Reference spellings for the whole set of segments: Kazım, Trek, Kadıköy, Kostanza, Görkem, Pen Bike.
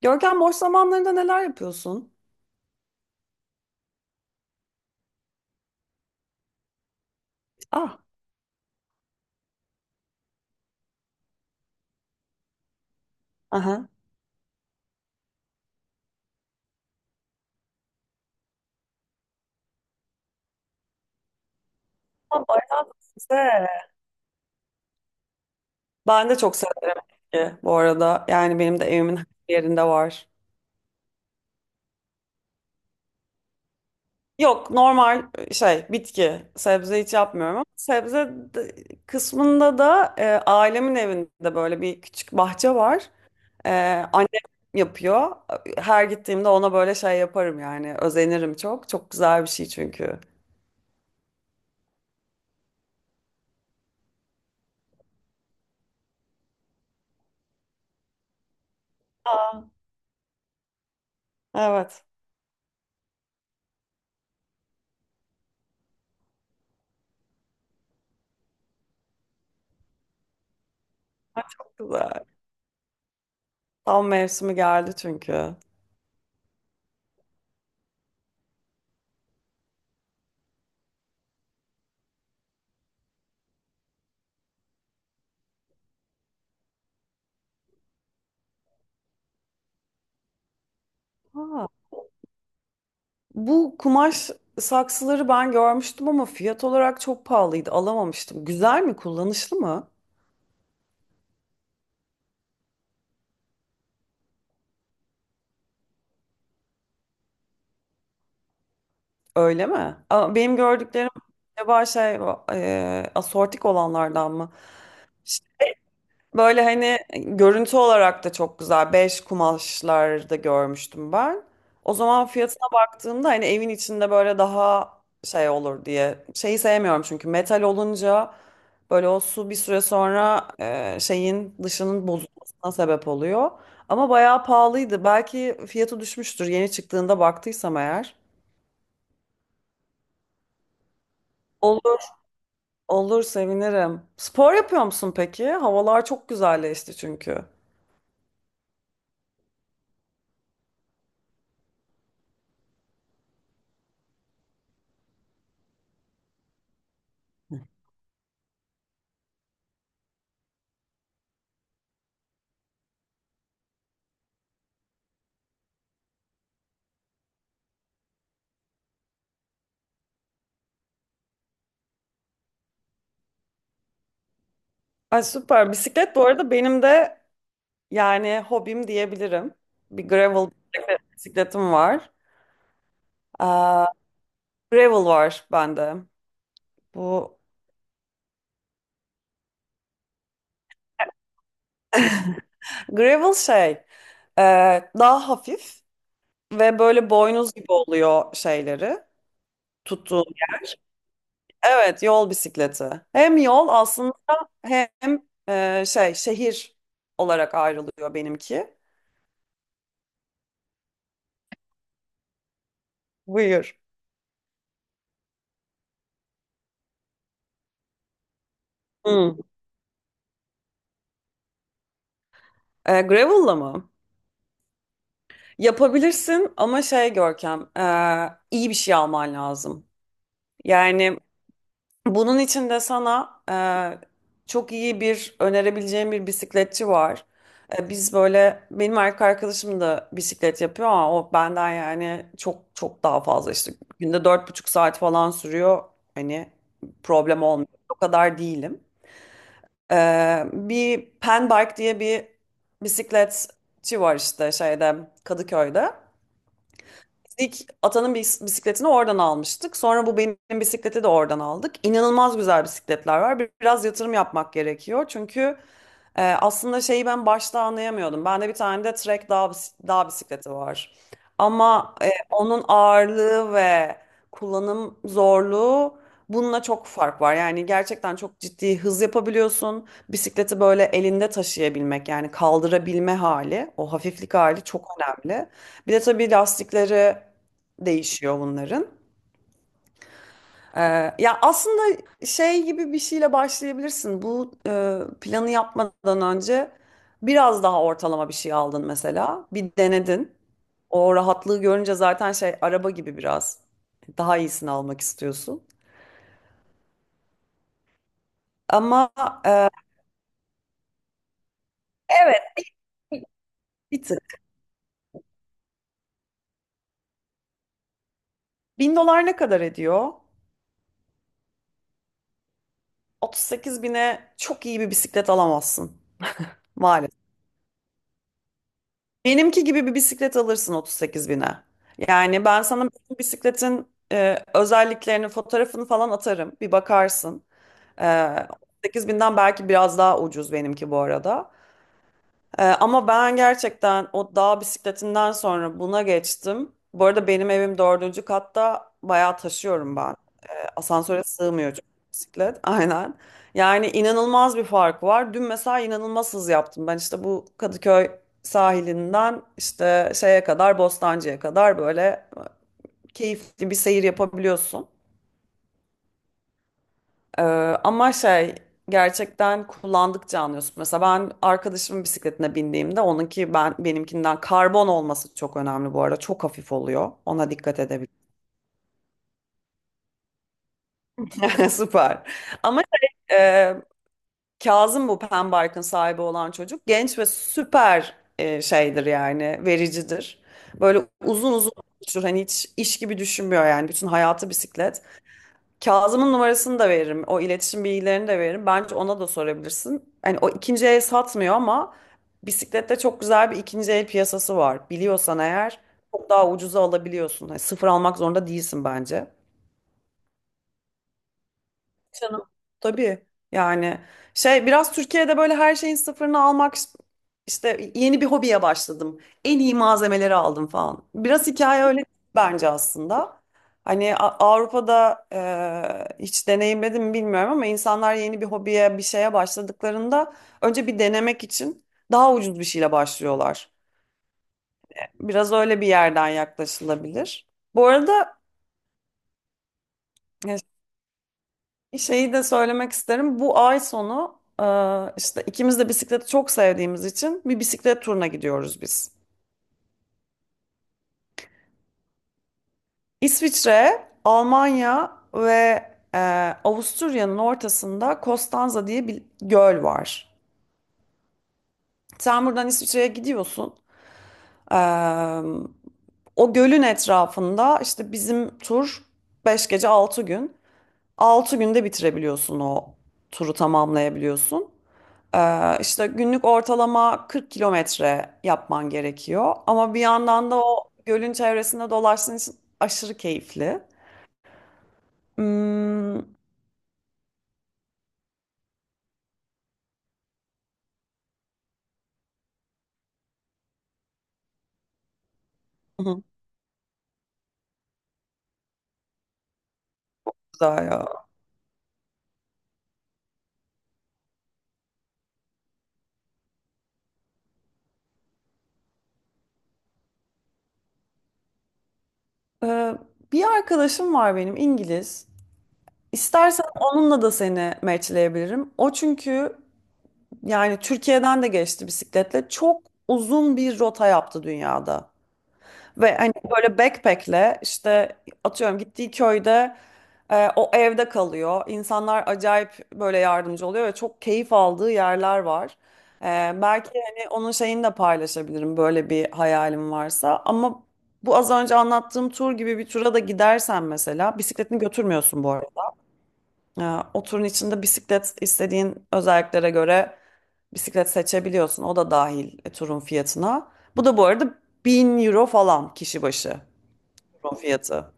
Görkem, boş zamanlarında neler yapıyorsun? Ah. Aha. Aa, bayağı güzel. Ben de çok severim bitki bu arada. Yani benim de evimin her yerinde var. Yok, normal şey bitki. Sebze hiç yapmıyorum ama kısmında da ailemin evinde böyle bir küçük bahçe var. E, Annem yapıyor. Her gittiğimde ona böyle şey yaparım yani. Özenirim çok. Çok güzel bir şey çünkü. Aa, evet. Ay, çok güzel. Tam mevsimi geldi çünkü. Aa, bu kumaş saksıları ben görmüştüm ama fiyat olarak çok pahalıydı. Alamamıştım. Güzel mi? Kullanışlı mı? Öyle mi? Aa, benim gördüklerim acaba şey asortik olanlardan mı? Böyle hani görüntü olarak da çok güzel. Beş kumaşlarda görmüştüm ben. O zaman fiyatına baktığımda hani evin içinde böyle daha şey olur diye. Şeyi sevmiyorum çünkü metal olunca böyle o su bir süre sonra şeyin dışının bozulmasına sebep oluyor. Ama bayağı pahalıydı. Belki fiyatı düşmüştür yeni çıktığında baktıysam eğer. Olur, olur sevinirim. Spor yapıyor musun peki? Havalar çok güzelleşti çünkü. Ay süper. Bisiklet bu arada benim de yani hobim diyebilirim. Bir gravel bisikletim var. Aa, gravel var bende. Bu gravel şey, e, daha hafif ve böyle boynuz gibi oluyor şeyleri tuttuğu. Evet, yol bisikleti. Hem yol aslında hem şey, şehir olarak ayrılıyor benimki. Buyur. Hı. Gravel'la mı? Yapabilirsin ama şey Görkem, iyi bir şey alman lazım. Yani bunun için de sana çok iyi bir önerebileceğim bir bisikletçi var. Biz böyle, benim erkek arkadaşım da bisiklet yapıyor ama o benden yani çok daha fazla işte günde 4,5 saat falan sürüyor. Hani problem olmuyor. O kadar değilim. Bir Pen Bike diye bir bisikletçi var işte şeyde, Kadıköy'de. İlk atanın bisikletini oradan almıştık. Sonra bu benim bisikleti de oradan aldık. İnanılmaz güzel bisikletler var. Biraz yatırım yapmak gerekiyor. Çünkü aslında şeyi ben başta anlayamıyordum. Bende bir tane de Trek dağ, dağ bisikleti var. Ama onun ağırlığı ve kullanım zorluğu bununla çok fark var. Yani gerçekten çok ciddi hız yapabiliyorsun. Bisikleti böyle elinde taşıyabilmek yani kaldırabilme hali, o hafiflik hali çok önemli. Bir de tabii lastikleri değişiyor bunların. Ee, Ya aslında şey gibi bir şeyle başlayabilirsin. Bu planı yapmadan önce biraz daha ortalama bir şey aldın mesela. Bir denedin. O rahatlığı görünce zaten şey araba gibi biraz daha iyisini almak istiyorsun. Ama e, evet, bir tık. 1.000 dolar ne kadar ediyor? 38 bine çok iyi bir bisiklet alamazsın maalesef. Benimki gibi bir bisiklet alırsın 38 bine. Yani ben sana bütün bisikletin özelliklerini, fotoğrafını falan atarım. Bir bakarsın. E, 38 binden belki biraz daha ucuz benimki bu arada. Ama ben gerçekten o dağ bisikletinden sonra buna geçtim. Bu arada benim evim dördüncü katta, bayağı taşıyorum ben. Asansöre sığmıyor çünkü bisiklet. Aynen. Yani inanılmaz bir fark var. Dün mesela inanılmaz hız yaptım. Ben işte bu Kadıköy sahilinden işte şeye kadar, Bostancı'ya kadar böyle keyifli bir seyir yapabiliyorsun. Ee, Ama şey, gerçekten kullandıkça anlıyorsun. Mesela ben arkadaşımın bisikletine bindiğimde onunki, benimkinden karbon olması çok önemli bu arada. Çok hafif oluyor. Ona dikkat edebilirim. Süper. Ama şey, e, Kazım bu Pembark'ın sahibi olan çocuk. Genç ve süper şeydir yani, vericidir. Böyle uzun uzun konuşur. Hani hiç iş gibi düşünmüyor yani. Bütün hayatı bisiklet. Kazım'ın numarasını da veririm. O iletişim bilgilerini de veririm. Bence ona da sorabilirsin. Hani o ikinci el satmıyor ama bisiklette çok güzel bir ikinci el piyasası var. Biliyorsan eğer çok daha ucuza alabiliyorsun. Hani sıfır almak zorunda değilsin bence. Canım. Tabii yani şey, biraz Türkiye'de böyle her şeyin sıfırını almak, işte yeni bir hobiye başladım, en iyi malzemeleri aldım falan, biraz hikaye öyle bence aslında. Hani Avrupa'da hiç deneyimledim mi bilmiyorum ama insanlar yeni bir hobiye, bir şeye başladıklarında önce bir denemek için daha ucuz bir şeyle başlıyorlar. Biraz öyle bir yerden yaklaşılabilir. Bu arada e, şeyi de söylemek isterim. Bu ay sonu işte ikimiz de bisikleti çok sevdiğimiz için bir bisiklet turuna gidiyoruz biz. İsviçre, Almanya ve e, Avusturya'nın ortasında Kostanza diye bir göl var. Sen buradan İsviçre'ye gidiyorsun. E, O gölün etrafında işte bizim tur, 5 gece 6 gün. 6 günde bitirebiliyorsun, o turu tamamlayabiliyorsun. İşte günlük ortalama 40 kilometre yapman gerekiyor. Ama bir yandan da o gölün çevresinde dolaştığın için aşırı keyifli. Hmm, hı, güzel ya. Ee, Bir arkadaşım var benim, İngiliz. İstersen onunla da seni matchleyebilirim. O çünkü, yani, Türkiye'den de geçti bisikletle. Çok uzun bir rota yaptı dünyada. Ve hani böyle backpack'le işte atıyorum gittiği köyde o evde kalıyor. İnsanlar acayip böyle yardımcı oluyor ve çok keyif aldığı yerler var. Belki hani onun şeyini de paylaşabilirim böyle bir hayalim varsa. Ama bu az önce anlattığım tur gibi bir tura da gidersen mesela, bisikletini götürmüyorsun bu arada. E, O turun içinde bisiklet, istediğin özelliklere göre bisiklet seçebiliyorsun. O da dahil turun fiyatına. Bu da bu arada 1.000 euro falan kişi başı. Patron fiyatı.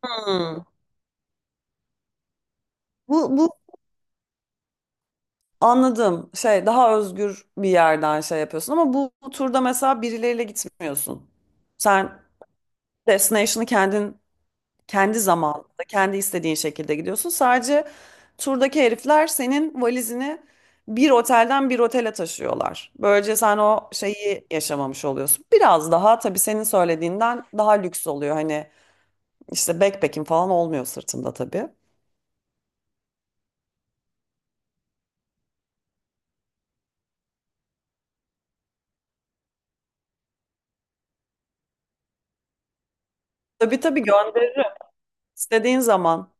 Hmm. Bu anladım. Şey, daha özgür bir yerden şey yapıyorsun ama bu turda mesela birileriyle gitmiyorsun. Sen destination'ı kendin, kendi zamanında kendi istediğin şekilde gidiyorsun. Sadece turdaki herifler senin valizini bir otelden bir otele taşıyorlar. Böylece sen o şeyi yaşamamış oluyorsun. Biraz daha tabii senin söylediğinden daha lüks oluyor. Hani İşte backpack'im falan olmuyor sırtımda tabii. Tabii tabii gönderirim. İstediğin zaman.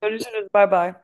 Görüşürüz. Bay bay.